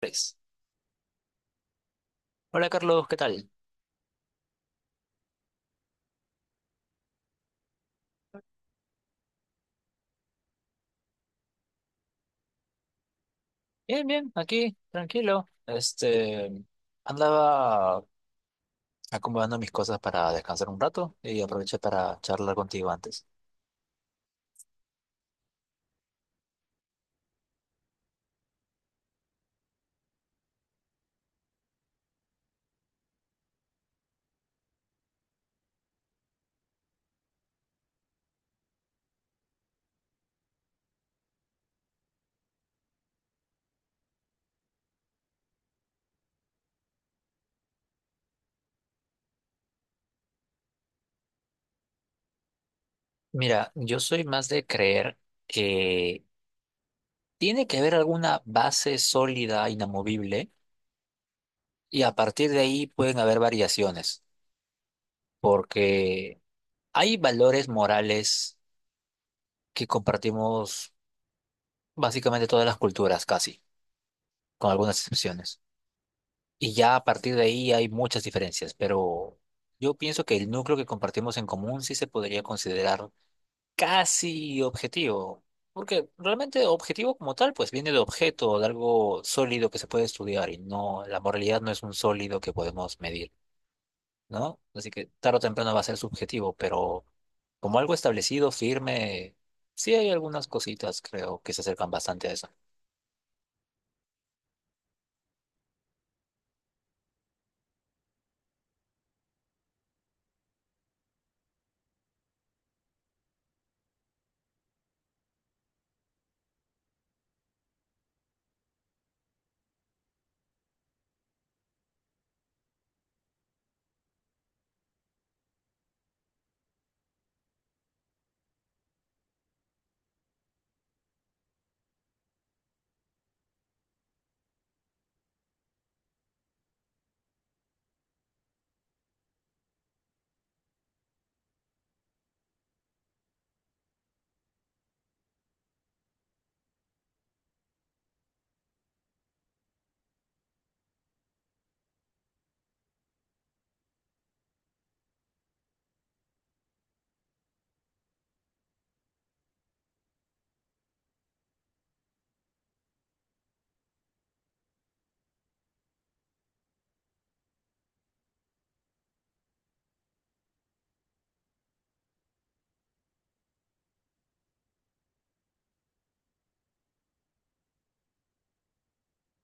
Tres. Hola Carlos, ¿qué tal? Bien, bien, aquí, tranquilo. Andaba acomodando mis cosas para descansar un rato y aproveché para charlar contigo antes. Mira, yo soy más de creer que tiene que haber alguna base sólida, inamovible, y a partir de ahí pueden haber variaciones, porque hay valores morales que compartimos básicamente todas las culturas, casi, con algunas excepciones. Y ya a partir de ahí hay muchas diferencias, pero yo pienso que el núcleo que compartimos en común sí se podría considerar casi objetivo, porque realmente objetivo como tal pues viene de objeto, de algo sólido que se puede estudiar y no, la moralidad no es un sólido que podemos medir, ¿no? Así que tarde o temprano va a ser subjetivo, pero como algo establecido, firme, sí hay algunas cositas creo que se acercan bastante a eso.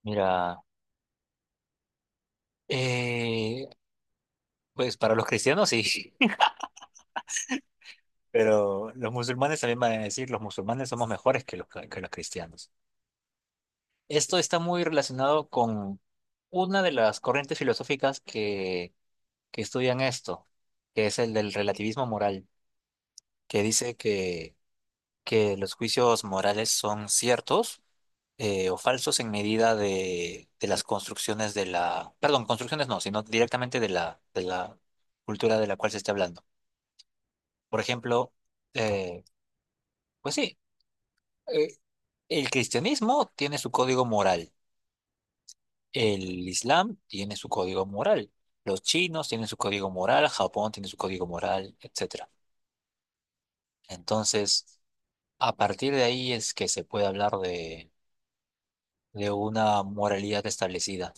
Mira, eh, pues para los cristianos sí. Pero los musulmanes también van a decir, los musulmanes somos mejores que los cristianos. Esto está muy relacionado con una de las corrientes filosóficas que estudian esto, que es el del relativismo moral, que dice que los juicios morales son ciertos o falsos en medida de las construcciones de la, perdón, construcciones no, sino directamente de la cultura de la cual se esté hablando. Por ejemplo, eh, pues sí. eh, El cristianismo tiene su código moral, el islam tiene su código moral, los chinos tienen su código moral, Japón tiene su código moral, etcétera. Entonces, a partir de ahí es que se puede hablar de una moralidad establecida.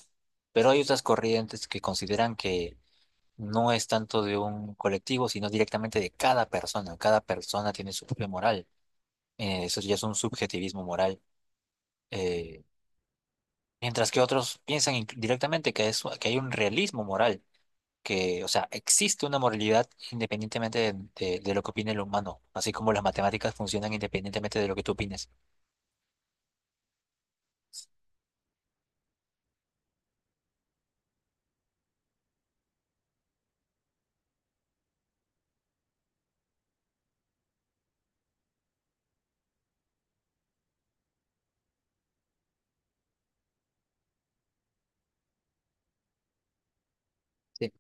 Pero hay otras corrientes que consideran que no es tanto de un colectivo, sino directamente de cada persona. Cada persona tiene su propia moral. Eso ya es un subjetivismo moral. Eh, Mientras que otros piensan directamente que hay un realismo moral, que, o sea, existe una moralidad independientemente de lo que opine el humano, así como las matemáticas funcionan independientemente de lo que tú opines. Sí,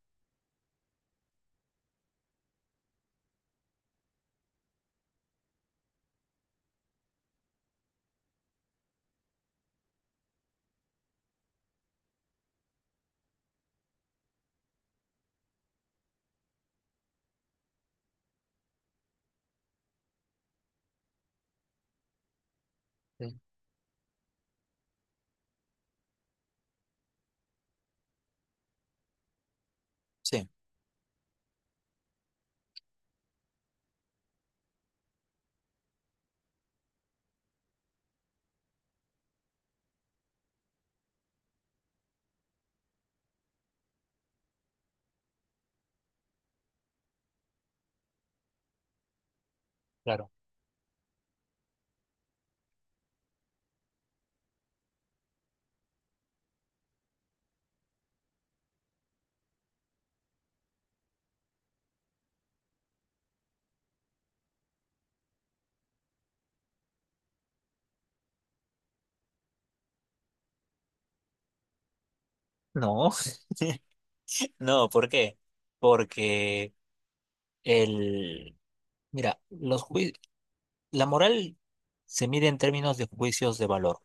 sí, sí. No, no, ¿por qué? Porque el, mira, la moral se mide en términos de juicios de valor.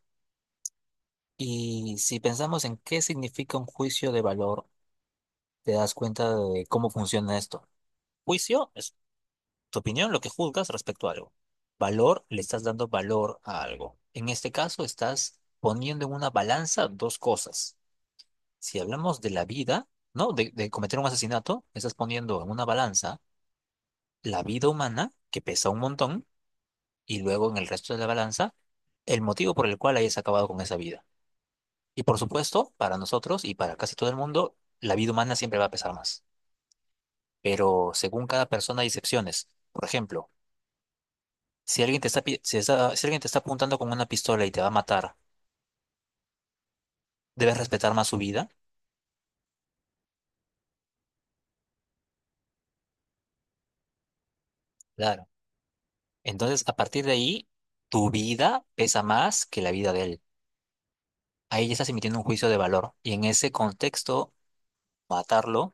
Y si pensamos en qué significa un juicio de valor, te das cuenta de cómo funciona esto. Juicio es tu opinión, lo que juzgas respecto a algo. Valor, le estás dando valor a algo. En este caso, estás poniendo en una balanza dos cosas. Si hablamos de la vida, ¿no? De cometer un asesinato, estás poniendo en una balanza la vida humana, que pesa un montón, y luego en el resto de la balanza, el motivo por el cual hayas acabado con esa vida. Y por supuesto, para nosotros y para casi todo el mundo, la vida humana siempre va a pesar más. Pero según cada persona hay excepciones. Por ejemplo, si alguien te está, pi- si está- si alguien te está apuntando con una pistola y te va a matar, debes respetar más su vida. Claro. Entonces, a partir de ahí, tu vida pesa más que la vida de él. Ahí ya estás emitiendo un juicio de valor. Y en ese contexto, matarlo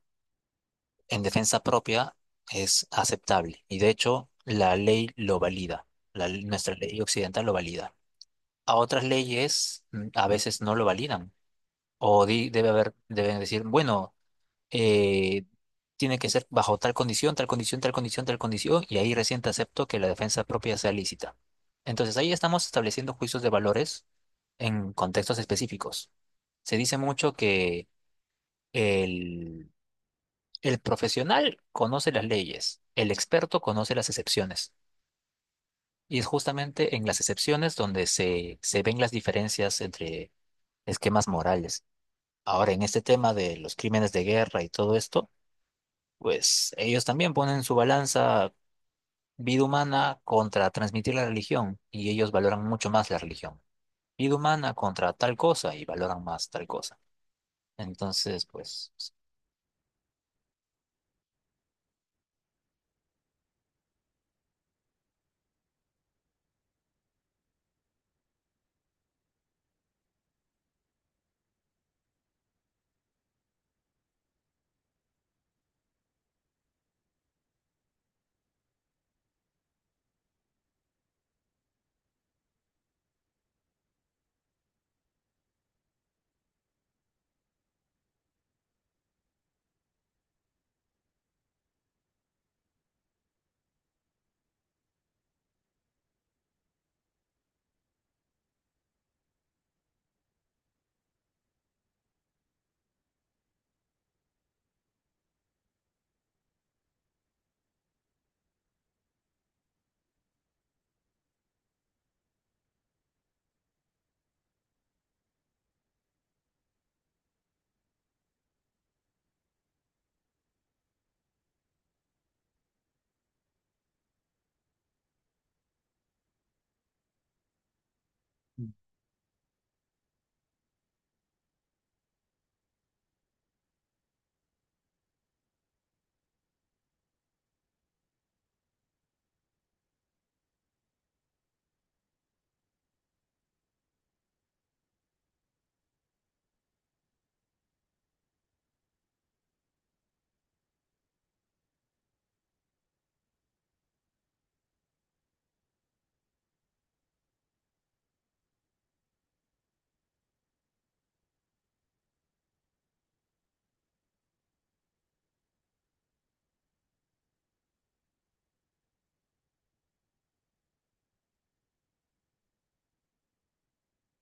en defensa propia es aceptable. Y de hecho, la ley lo valida. Nuestra ley occidental lo valida. A otras leyes a veces no lo validan. Debe haber, deben decir, bueno. eh, tiene que ser bajo tal condición, tal condición, tal condición, tal condición, y ahí recién te acepto que la defensa propia sea lícita. Entonces ahí estamos estableciendo juicios de valores en contextos específicos. Se dice mucho que el, el profesional conoce las leyes, el experto conoce las excepciones. Y es justamente en las excepciones donde se ven las diferencias entre esquemas morales. Ahora, en este tema de los crímenes de guerra y todo esto, pues ellos también ponen su balanza, vida humana contra transmitir la religión, y ellos valoran mucho más la religión. Vida humana contra tal cosa y valoran más tal cosa. Entonces, pues,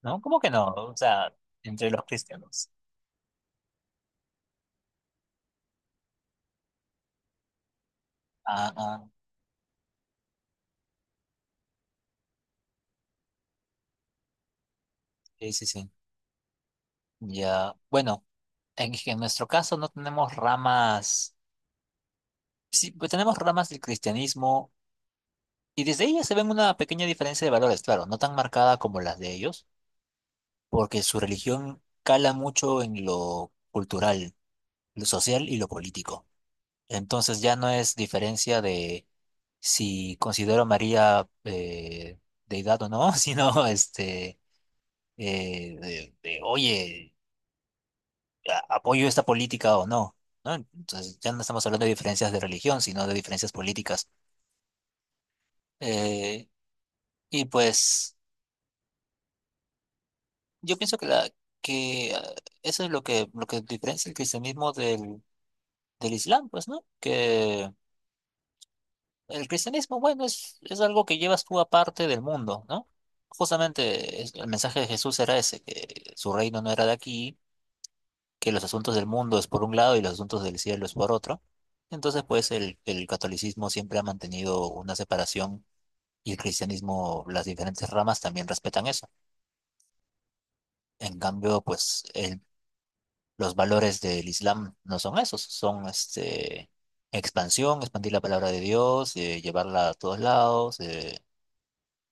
¿no? ¿Cómo que no? O sea, entre los cristianos. Ah, ah, sí, sí, sí. Ya, bueno, en nuestro caso no tenemos ramas, sí, pues tenemos ramas del cristianismo y desde ellas se ven una pequeña diferencia de valores, claro, no tan marcada como las de ellos porque su religión cala mucho en lo cultural, lo social y lo político. Entonces ya no es diferencia de si considero a María deidad o no, sino oye, apoyo esta política o no, ¿no? Entonces ya no estamos hablando de diferencias de religión, sino de diferencias políticas. Eh, y pues yo pienso que, la, que ah, eso es lo que diferencia el cristianismo del Islam, pues, ¿no? Que el cristianismo, bueno, es algo que llevas tú aparte del mundo, ¿no? Justamente el mensaje de Jesús era ese, que su reino no era de aquí, que los asuntos del mundo es por un lado y los asuntos del cielo es por otro. Entonces, pues, el catolicismo siempre ha mantenido una separación y el cristianismo, las diferentes ramas también respetan eso. En cambio, pues, el los valores del Islam no son esos, son este, expansión, expandir la palabra de Dios, llevarla a todos lados,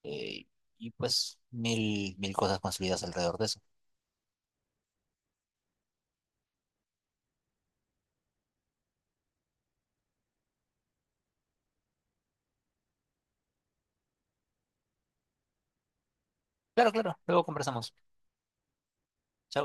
eh, y pues mil cosas consolidadas alrededor de eso. Claro, claro, luego conversamos. Chao.